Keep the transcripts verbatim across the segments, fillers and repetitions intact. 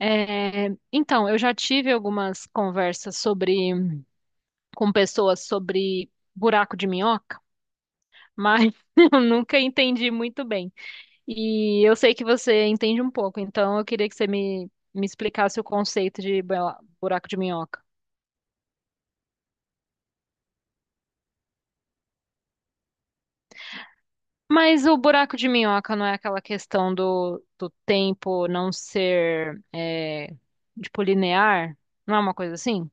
É, então, eu já tive algumas conversas sobre com pessoas sobre buraco de minhoca, mas eu nunca entendi muito bem. E eu sei que você entende um pouco, então eu queria que você me, me explicasse o conceito de bela- buraco de minhoca. Mas o buraco de minhoca não é aquela questão do, do tempo não ser, é, tipo, linear? Não é uma coisa assim?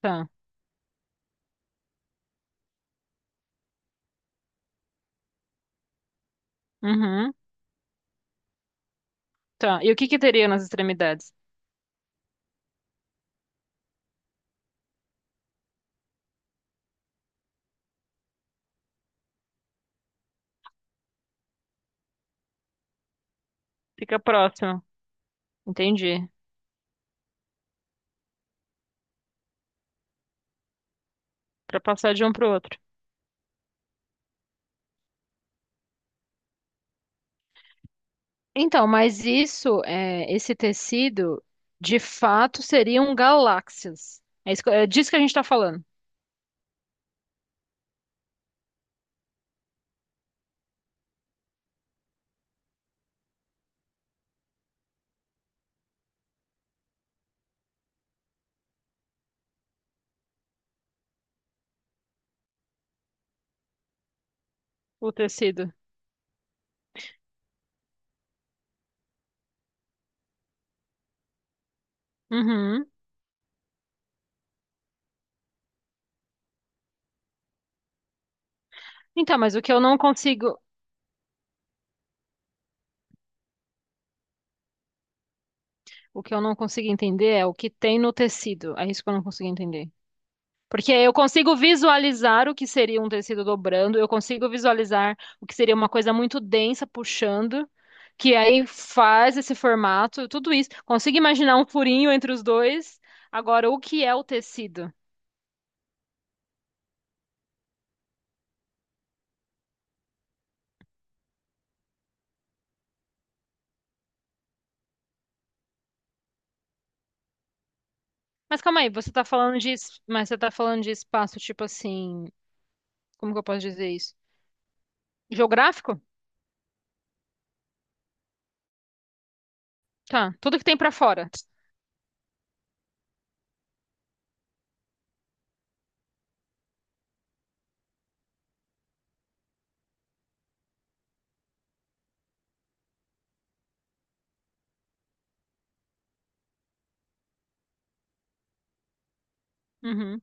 Tá. Uhum. Tá. E o que que teria nas extremidades? Fica próximo. Entendi. Para passar de um para o outro. Então, mas isso, é, esse tecido, de fato, seriam galáxias. É, isso, que- é disso que a gente está falando. O tecido. Uhum. Então, mas o que eu não consigo, o que eu não consigo entender é o que tem no tecido. É isso que eu não consigo entender. Porque eu consigo visualizar o que seria um tecido dobrando, eu consigo visualizar o que seria uma coisa muito densa puxando, que aí faz esse formato, tudo isso. Consigo imaginar um furinho entre os dois. Agora, o que é o tecido? Mas calma aí, você tá falando de, es- mas você tá falando de espaço tipo assim, como que eu posso dizer isso? Geográfico? Tá, tudo que tem pra fora. Uhum,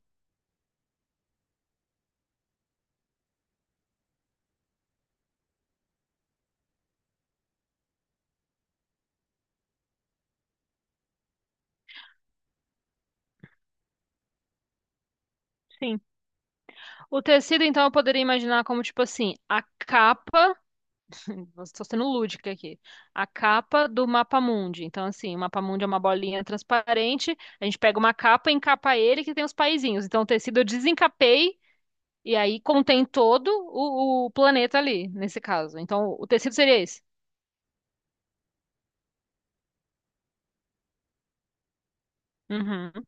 sim. O tecido, então, eu poderia imaginar como tipo assim, a capa estou sendo lúdica aqui. A capa do mapa mundi. Então, assim, o mapa mundi é uma bolinha transparente. A gente pega uma capa e encapa ele que tem os paizinhos. Então, o tecido eu desencapei e aí contém todo o, o planeta ali, nesse caso. Então, o tecido seria esse. Uhum.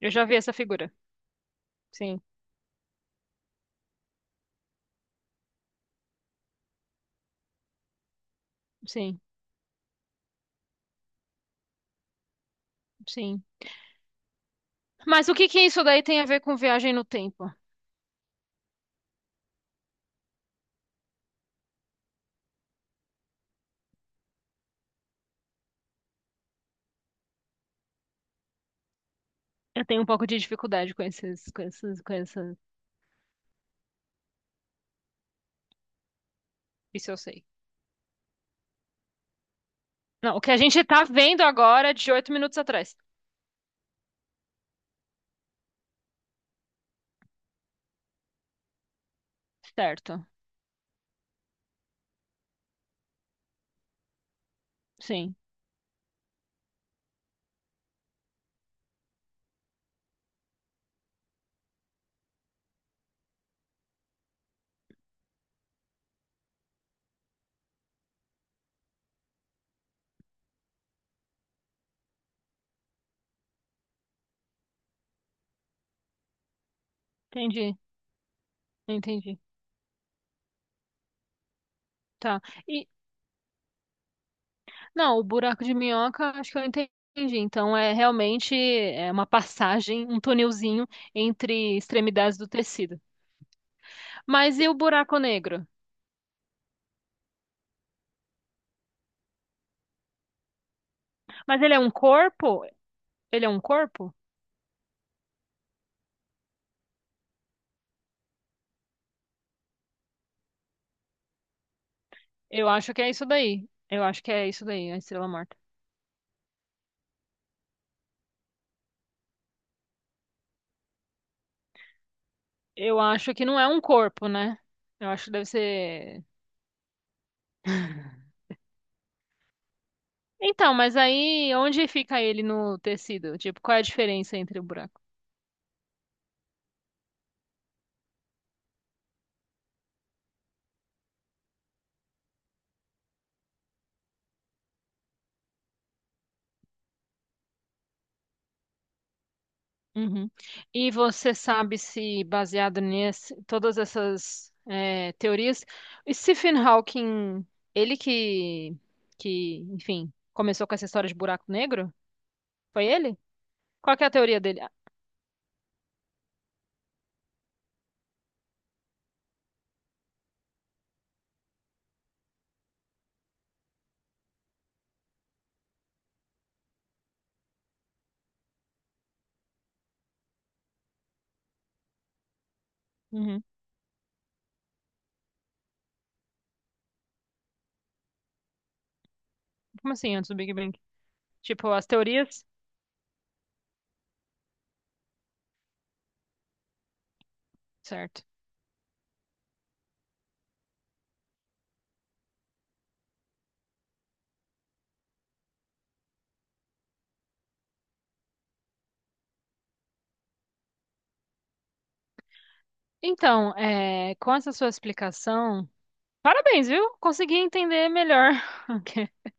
Eu já vi essa figura. Sim, sim, sim. Mas o que que isso daí tem a ver com viagem no tempo? Eu tenho um pouco de dificuldade com esses, com esses, com esses. Isso eu sei. Não, o que a gente tá vendo agora é de oito minutos atrás. Certo. Sim. Entendi, entendi. Tá. E não, o buraco de minhoca, acho que eu entendi. Então é realmente é uma passagem, um tunelzinho entre extremidades do tecido. Mas e o buraco negro? Mas ele é um corpo? Ele é um corpo? Eu acho que é isso daí. Eu acho que é isso daí, a estrela morta. Eu acho que não é um corpo, né? Eu acho que deve ser. Então, mas aí onde fica ele no tecido? Tipo, qual é a diferença entre o buraco? Uhum. E você sabe se, baseado nesse, todas essas é, teorias, o Stephen Hawking, ele que, que, enfim, começou com essa história de buraco negro? Foi ele? Qual que é a teoria dele? Ah, uhum. Como assim, antes do Big Bang? Tipo, as teorias? Certo. Então, é, com essa sua explicação, parabéns, viu? Consegui entender melhor,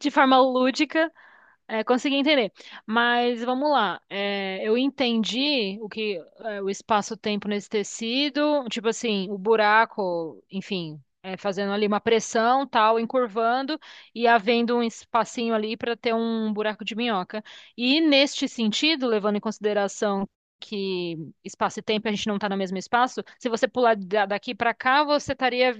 de forma lúdica, é, consegui entender. Mas vamos lá. É, eu entendi o que é, o espaço-tempo nesse tecido, tipo assim, o buraco, enfim, é, fazendo ali uma pressão, tal, encurvando e havendo um espacinho ali para ter um buraco de minhoca. E neste sentido, levando em consideração que espaço e tempo a gente não está no mesmo espaço, se você pular da- daqui para cá, você estaria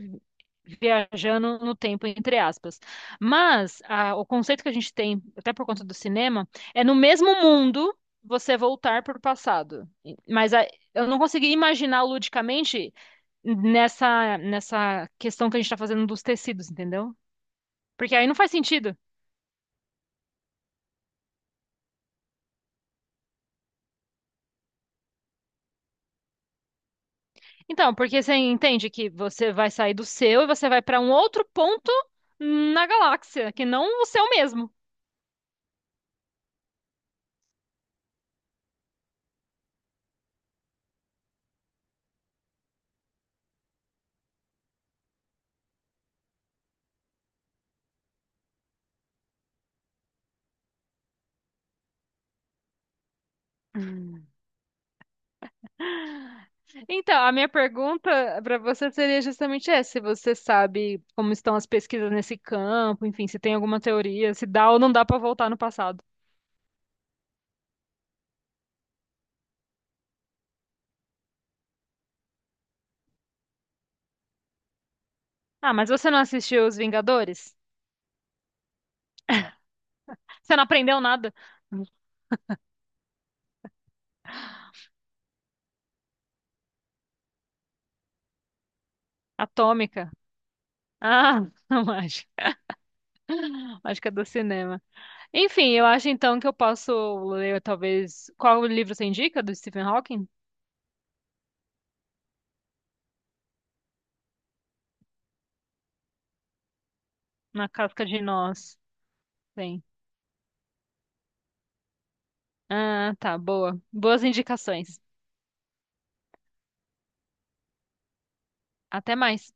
viajando no tempo, entre aspas. Mas a- o conceito que a gente tem, até por conta do cinema, é no mesmo mundo você voltar para o passado. E- Mas a- eu não consegui imaginar ludicamente nessa, nessa questão que a gente está fazendo dos tecidos, entendeu? Porque aí não faz sentido. Então, porque você entende que você vai sair do seu e você vai para um outro ponto na galáxia, que não o seu mesmo. Então, a minha pergunta para você seria justamente essa, se você sabe como estão as pesquisas nesse campo, enfim, se tem alguma teoria, se dá ou não dá para voltar no passado. Ah, mas você não assistiu Os Vingadores? Você não aprendeu nada? Atômica. Ah, não acho. Acho que é do cinema. Enfim, eu acho então que eu posso ler talvez qual livro você indica do Stephen Hawking? Na Casca de Nós. Sim. Ah, tá, boa. Boas indicações. Até mais.